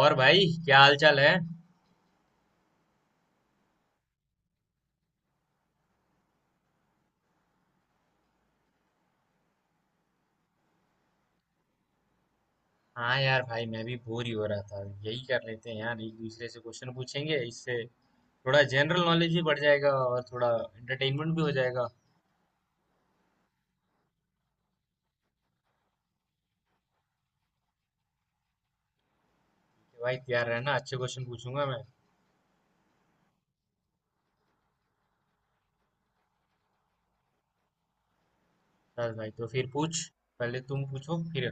और भाई क्या हाल चाल है। हाँ यार भाई, मैं भी बोर ही हो रहा था। यही कर लेते हैं यार, एक दूसरे से क्वेश्चन पूछेंगे। इससे थोड़ा जनरल नॉलेज भी बढ़ जाएगा और थोड़ा एंटरटेनमेंट भी हो जाएगा। कि भाई तैयार रहना, अच्छे क्वेश्चन पूछूंगा मैं। चल भाई तो फिर पूछ, पहले तुम पूछो फिर।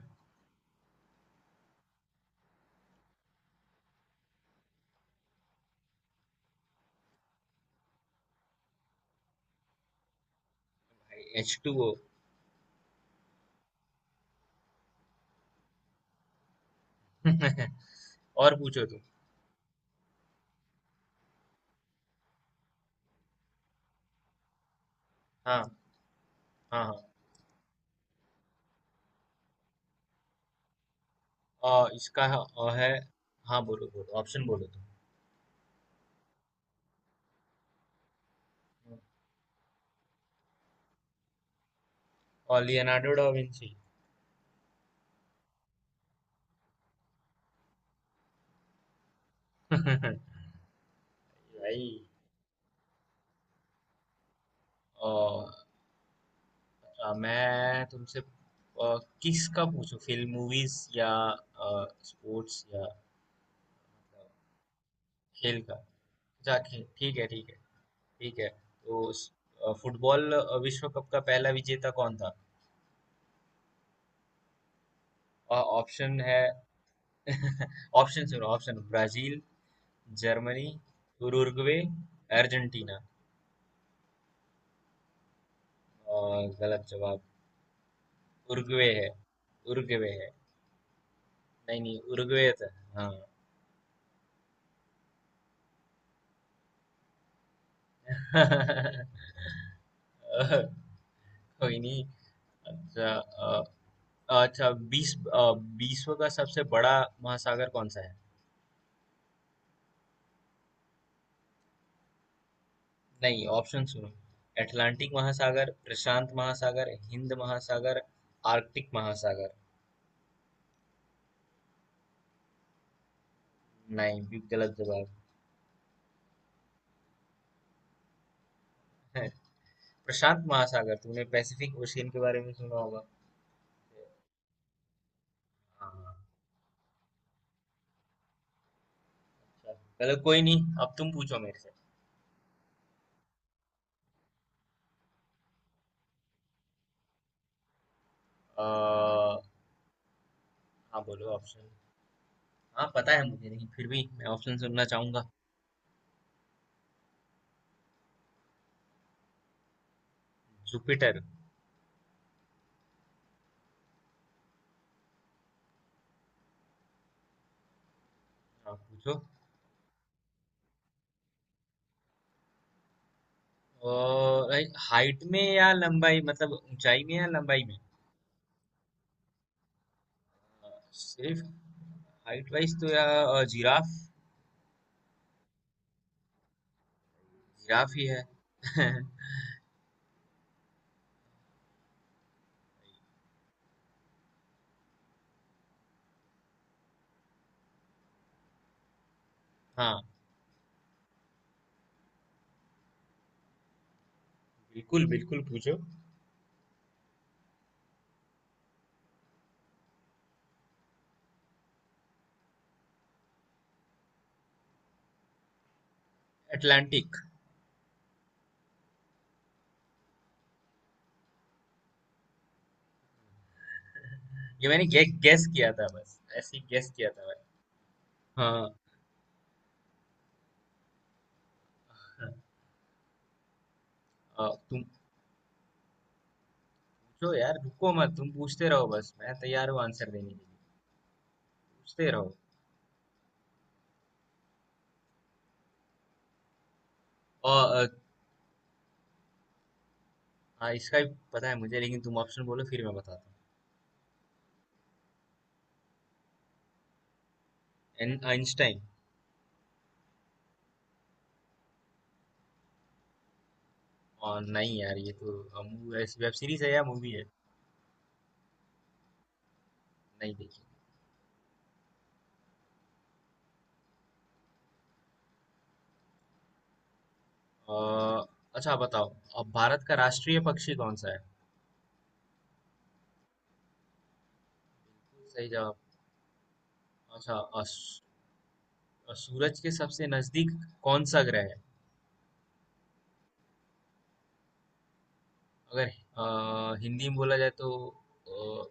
भाई H2O। और पूछो तुम। हाँ हाँ हाँ। इसका है। है। हाँ बोलो बोलो, ऑप्शन बोलो तुम। और लियोनार्डो डा विंची। भाई, और मैं तुमसे किस का पूछूं? फिल्म मूवीज या स्पोर्ट्स या अ, खेल का? अच्छा खेल, ठीक है, ठीक है। ठीक है तो फुटबॉल विश्व कप का पहला विजेता कौन था? ऑप्शन है। ऑप्शन सुनो। Option Brazil, Germany, Uruguay, Argentina. और गलत जवाब। उरुग्वे है। उरुग्वे है। नहीं नहीं, उरुग्वे था। हाँ। कोई नहीं। अच्छा अ, अच्छा 20 विश्व का सबसे बड़ा महासागर कौन सा है? नहीं, ऑप्शन सुनो। अटलांटिक महासागर, प्रशांत महासागर, हिंद महासागर, आर्कटिक महासागर। नहीं, भी गलत जवाब है। प्रशांत महासागर, तुमने पैसिफिक ओशियन के बारे में सुना होगा। हाँ। अच्छा। चलो कोई नहीं, अब तुम पूछो मेरे से। आ, हाँ बोलो ऑप्शन। हाँ पता है मुझे, नहीं फिर भी मैं ऑप्शन सुनना चाहूंगा। जुपिटर। हाँ पूछो। लाइक हाइट में या लंबाई, मतलब ऊंचाई में या लंबाई में? अ, सिर्फ हाइट वाइज तो यार जिराफ। जिराफ ही है। हाँ, बिल्कुल बिल्कुल पूछो। अटलांटिक। ये मैंने गेस किया था, बस ऐसे ही गेस किया था मैंने। हाँ। तुम पूछो यार, रुको मत, तुम पूछते रहो, बस मैं तैयार हूँ आंसर देने के लिए। पूछते रहो। और हाँ, इसका भी पता है मुझे, लेकिन तुम ऑप्शन बोलो फिर मैं बताता हूँ। आइंस्टाइन। और नहीं यार, ये तो वेब सीरीज है या मूवी है? नहीं देखी। अ, अच्छा बताओ, अब भारत का राष्ट्रीय पक्षी कौन सा है? सही जवाब। अच्छा अ, सू- सूरज के सबसे नजदीक कौन सा ग्रह है? अगर हिंदी में बोला जाए तो अ,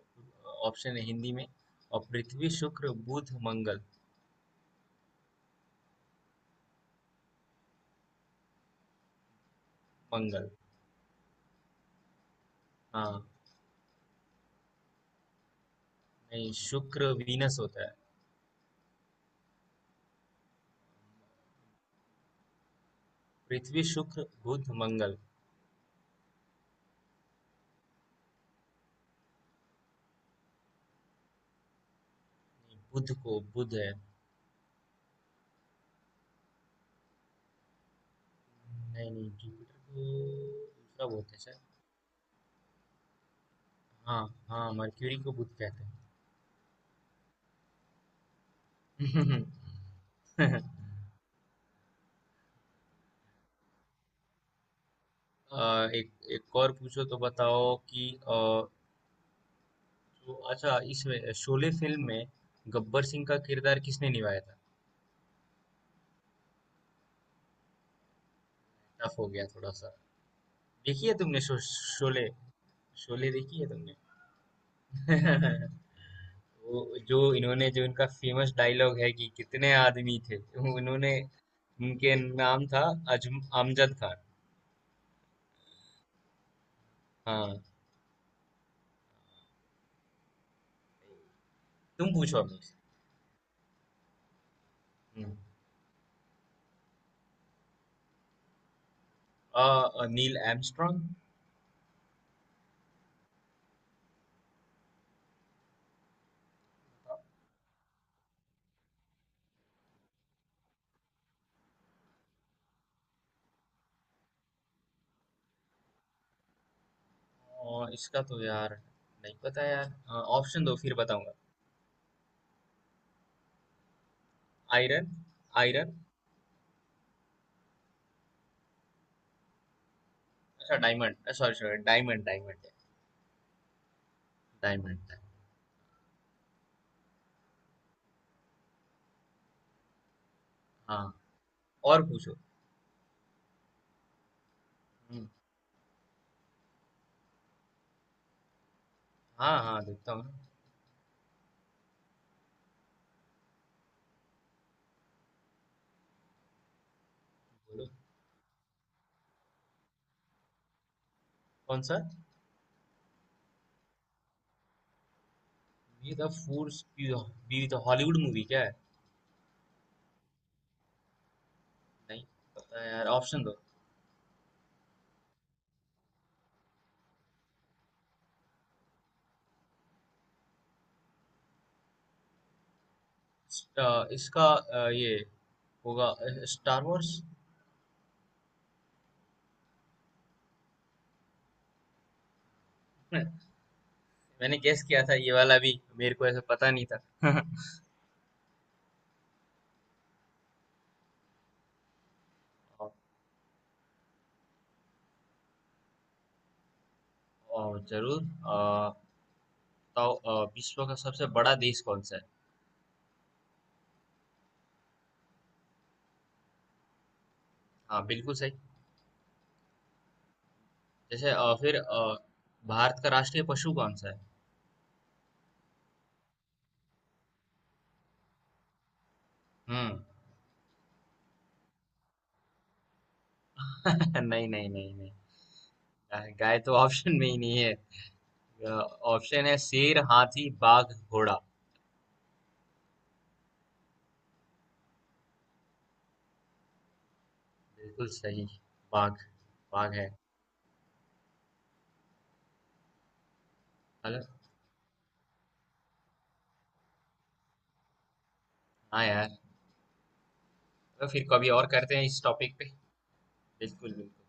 ऑप्शन है हिंदी में, और पृथ्वी, शुक्र, बुध, मंगल। मंगल। हाँ। नहीं, शुक्र वीनस होता है। पृथ्वी, शुक्र, बुध, मंगल। नहीं, बुध को बुध है। नहीं नहीं, जुपिटर को दूसरा बोलते हैं शायद। हाँ हाँ, मर्क्यूरी को बुध कहते हैं। अ, एक एक और पूछो, तो बताओ कि तो अच्छा इसमें शोले फिल्म में गब्बर सिंह का किरदार किसने निभाया था? टफ हो गया थोड़ा सा। देखी है तुमने शोले? शोले देखी है तुमने। वो, जो इनका फेमस डायलॉग है कि कितने आदमी थे। उन्होंने, उनके नाम था अजम अमजद खान। हाँ, तुम पूछो अब मुझसे। हम्म। अ, नील आर्मस्ट्रॉन्ग। और इसका तो यार नहीं पता यार, ऑप्शन दो फिर बताऊंगा। Iron, iron. अच्छा diamond, sorry sorry, diamond diamond. Diamond. हाँ, और पूछो। हम्म, हाँ हाँ देखता हूँ ना। बोलो, कौन सा? B the foods B the Hollywood movie क्या है? नहीं पता यार, ऑप्शन दो। इसका ये होगा स्टार वॉर्स। मैंने गेस किया था ये वाला भी, मेरे को ऐसा पता नहीं था। और, और जरूर। तो विश्व का सबसे बड़ा देश कौन सा है? हाँ, बिल्कुल सही। जैसे भारत का राष्ट्रीय पशु कौन सा है? हम्म। नहीं नहीं नहीं नहीं। गाय, गाय तो ऑप्शन में ही नहीं है। अ, ऑप्शन है शेर, हाथी, बाघ, घोड़ा। बिल्कुल सही, बाघ। बाघ है। हेलो, हाँ यार, तो फिर कभी और करते हैं इस टॉपिक पे। बिल्कुल बिल्कुल।